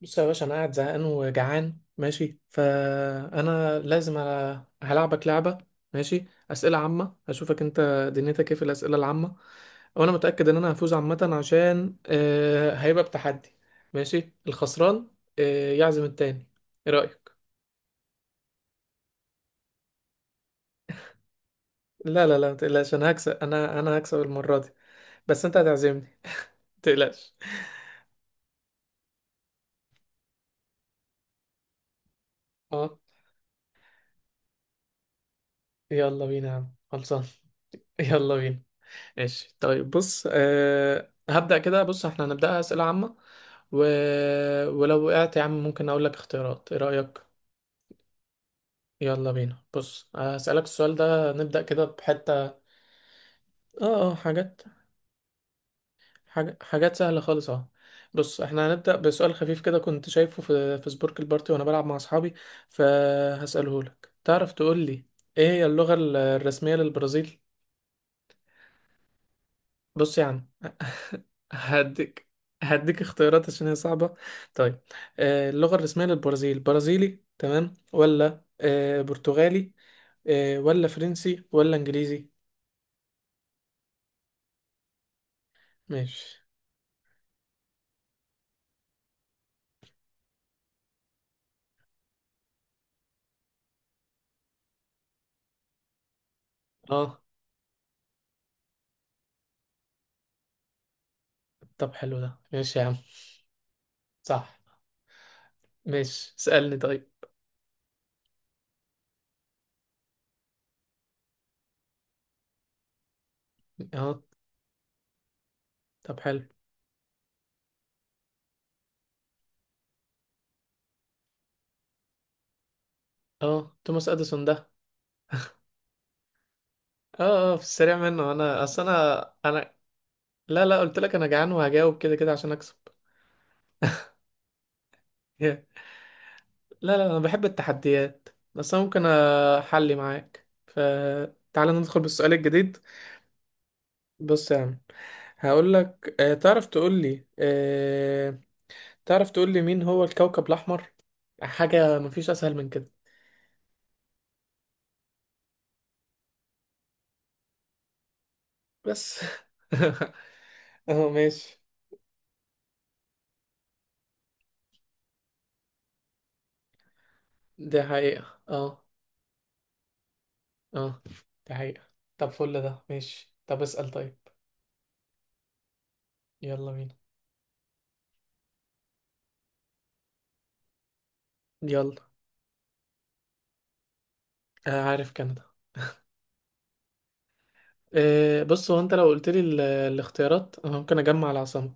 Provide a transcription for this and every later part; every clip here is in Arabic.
بص يا باشا، انا قاعد زهقان وجعان، ماشي، فانا لازم هلعبك لعبه. ماشي. اسئله عامه، اشوفك انت دنيتك ايه في الاسئله العامه. وانا متاكد ان انا هفوز عامه عشان هيبقى بتحدي. ماشي، الخسران يعزم التاني. ايه رايك؟ لا، لا، لا، ما تقلقش، انا هكسب، انا هكسب المره دي. بس انت هتعزمني، ما تقلقش. اه. يلا بينا يا عم، خلصان. يلا بينا. ماشي طيب. بص، هبدأ كده. بص، احنا هنبدأها أسئلة عامة و... ولو وقعت يا عم، ممكن أقول لك اختيارات. ايه رأيك؟ يلا بينا. بص، هسألك السؤال ده، نبدأ كده بحتة اه حاجات. حاجات سهلة خالص، اه. بص، احنا هنبدأ بسؤال خفيف كده كنت شايفه في سبورك البارتي وانا بلعب مع اصحابي. فهسأله لك، تعرف تقول لي ايه هي اللغة الرسمية للبرازيل؟ بص يا عم. هديك هديك اختيارات عشان هي صعبة. طيب. اللغة الرسمية للبرازيل برازيلي تمام، ولا برتغالي، ولا فرنسي، ولا انجليزي؟ ماشي. اه. طب حلو ده، ماشي يا عم. صح. ماشي، اسألني طيب. اه. طب حلو. اه، توماس اديسون ده. اه في السريع منه. انا اصل انا. لا، لا، قلت لك انا جعان وهجاوب كده كده عشان اكسب. لا، لا، انا بحب التحديات. بس انا ممكن احلي معاك. فتعالى ندخل بالسؤال الجديد. بص يا عم، هقول لك تعرف تقول لي مين هو الكوكب الاحمر. حاجه مفيش اسهل من كده. بس. اه، ماشي. دي حقيقه، اه دي حقيقه. طب فل ده ماشي. طب اسال طيب. يلا بينا. يلا. عارف كندا. بص، هو انت لو قلت لي الاختيارات، انا ممكن اجمع العاصمه.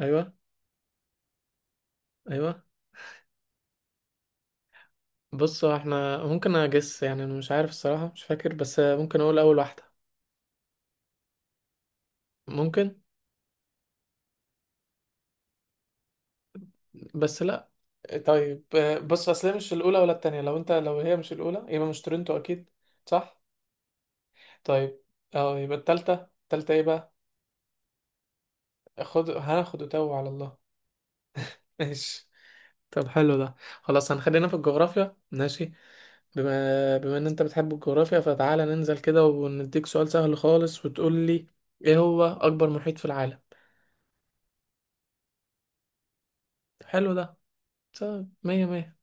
ايوه. ايوه. بص، هو احنا ممكن اجس، يعني انا مش عارف الصراحه، مش فاكر، بس ممكن اقول اول واحده. ممكن. بس لا. طيب. بص، اصل هي مش الاولى ولا التانية. لو هي مش الاولى، يبقى مش تورنتو اكيد. صح. طيب. اه. يبقى التالتة. التالتة ايه بقى؟ هناخد وتو على الله. ماشي. طب حلو ده. خلاص، هنخلينا في الجغرافيا. ماشي. بما ان انت بتحب الجغرافيا، فتعالى ننزل كده ونديك سؤال سهل خالص، وتقول لي ايه هو اكبر محيط في العالم؟ حلو ده. طيب، مية مية.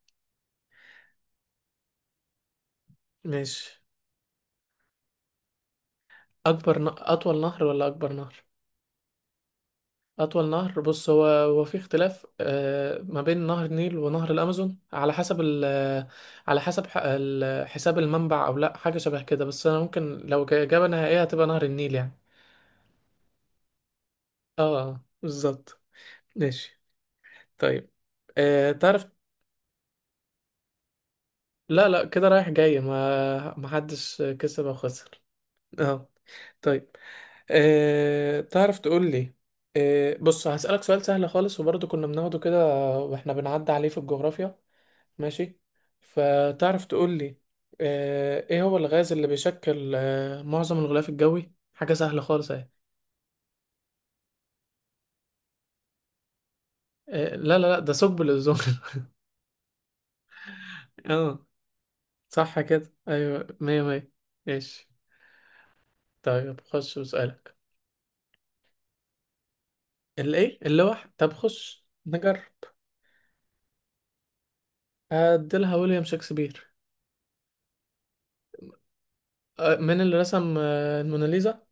ماشي. أطول نهر ولا أكبر نهر؟ أطول نهر. بص هو في اختلاف ما بين نهر النيل ونهر الأمازون، على حسب ال... آه، على حسب حساب المنبع، أو لأ. حاجة شبه كده. بس أنا ممكن لو إجابة نهائية هتبقى نهر النيل يعني. اه، بالظبط. ماشي. طيب. تعرف. لا، لا، كده رايح جاي، ما حدش كسب أو خسر. اه. طيب. تعرف تقول لي أه بص، هسألك سؤال سهل خالص، وبرضه كنا بناخده كده واحنا بنعدي عليه في الجغرافيا. ماشي. فتعرف تقول لي ايه هو الغاز اللي بيشكل معظم الغلاف الجوي؟ حاجة سهلة خالص اهي. لا، لا، لا، ده ثقب الأوزون. اه، صح كده، ايوه. مية مية. ماشي. طيب، خش بسألك. الايه اللوح؟ طب خش نجرب. هديلها ويليام شكسبير. من اللي رسم الموناليزا؟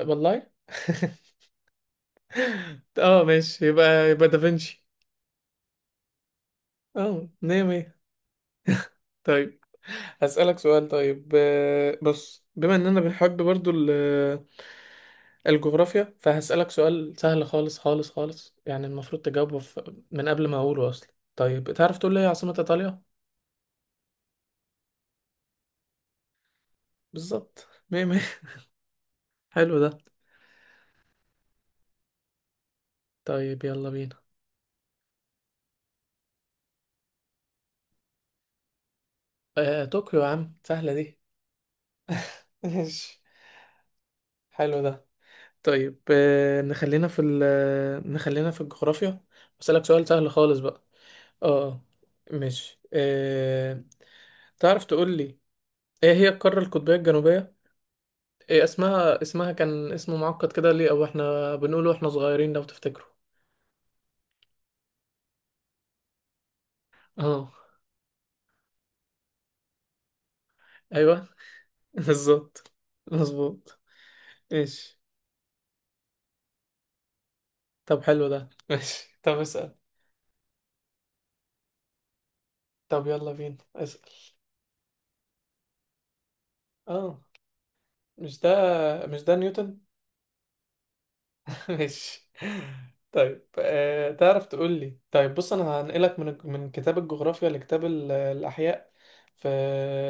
والله. اه، ماشي. يبقى دافنشي. اه، مية مية. طيب. هسألك سؤال. طيب بص، بما اننا بنحب برضو الجغرافيا، فهسألك سؤال سهل خالص خالص خالص. يعني المفروض تجاوبه من قبل ما اقوله اصلا. طيب، تعرف تقول لي إيه عاصمة ايطاليا؟ بالظبط، مية مية. حلو ده. طيب، يلا بينا. طوكيو يا عم، سهلة دي. ماشي. حلو ده. طيب نخلينا في ال نخلينا في الجغرافيا. بسألك سؤال سهل خالص بقى. اه، ماشي. تعرف تقول لي ايه هي القارة القطبية الجنوبية. إيه اسمها؟ اسمها كان اسم معقد كده، ليه او احنا بنقوله واحنا صغيرين لو تفتكروا. اه، ايوه. بالظبط، مظبوط. ماشي. طب حلو ده. ماشي، طب اسأل. طب يلا بينا، اسأل. اه. مش ده مش ده نيوتن. ماشي. طيب تعرف تقول لي طيب، بص انا هنقلك من كتاب الجغرافيا لكتاب الاحياء. في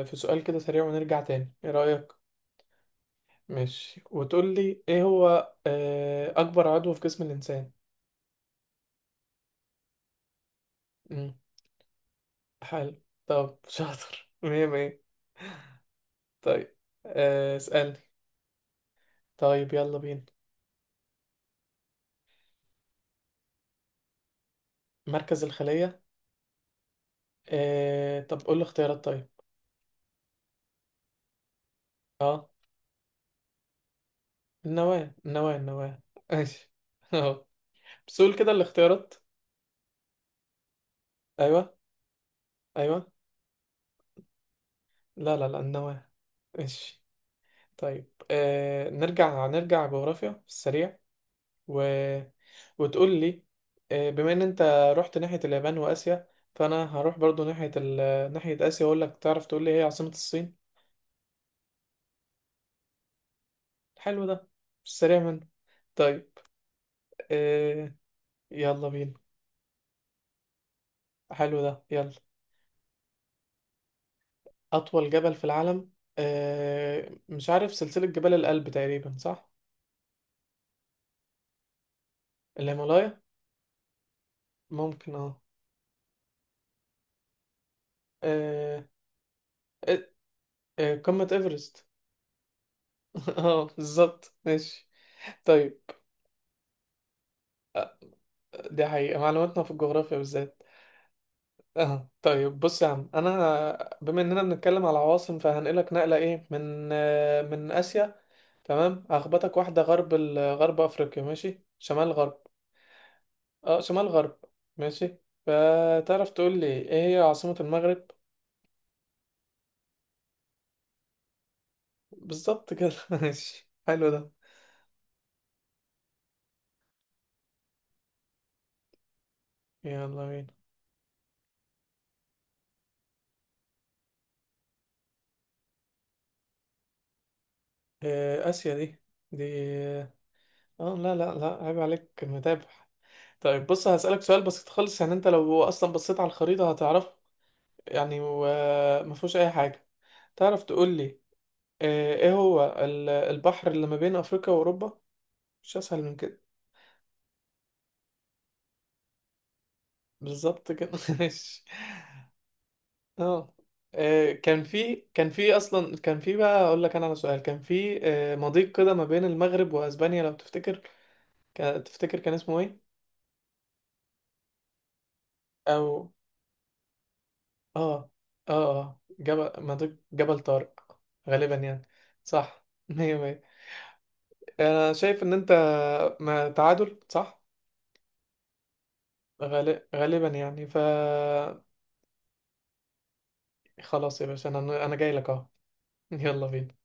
في سؤال كده سريع ونرجع تاني. ايه رأيك؟ ماشي. وتقول لي ايه هو اكبر عضو في جسم الانسان؟ مم. حلو. طب شاطر، مية مية. طيب اسألني. طيب، يلا بينا. مركز الخلية. طب قول لي اختيارات طيب. اه، النواة، النواة، النواة. ماشي. اهو. بس قول كده الاختيارات. أيوه. ايوه، لا، لا، لا، النواة. ماشي. طيب. نرجع جغرافيا في السريع. و... وتقول لي بما ان انت رحت ناحية اليابان واسيا، فانا هروح برضو ناحية اسيا، واقول لك تعرف تقول لي ايه عاصمة الصين؟ حلو ده. في السريع منه. طيب. آه يلا بينا. حلو ده. يلا. اطول جبل في العالم. مش عارف. سلسلة جبال الألب تقريبا، صح؟ الهيمالايا. ممكن، اه. آه، آه، قمة إيفرست. اه، بالظبط. ماشي. طيب. دي حقيقة. معلوماتنا في الجغرافيا بالذات. اه. طيب بص يا عم، انا بما اننا بنتكلم على عواصم، فهنقلك نقلة ايه، من اسيا. تمام. هخبطك واحدة غرب غرب افريقيا. ماشي شمال غرب. اه، شمال غرب. ماشي. فتعرف تقول لي ايه هي عاصمة المغرب؟ بالظبط كده. ماشي، حلو ده. يلا بينا. اسيا دي. دي، اه، لا، لا، لا، عيب عليك متابع. طيب، بص هسألك سؤال بسيط خالص. يعني انت لو اصلا بصيت على الخريطة هتعرفه. يعني، وما فيهوش اي حاجة. تعرف تقول لي ايه هو البحر اللي ما بين افريقيا واوروبا؟ مش اسهل من كده. بالظبط كده. ماشي. اه. كان في اصلا، كان في بقى اقول لك انا على سؤال. كان في مضيق كده ما بين المغرب واسبانيا لو تفتكر. تفتكر كان اسمه ايه؟ او اه جبل ما، ده جبل طارق. غالبا يعني. صح. مية مية. انا شايف ان انت ما تعادل صح. غالبا يعني خلاص يا باشا، انا جاي لك اهو. يلا بينا.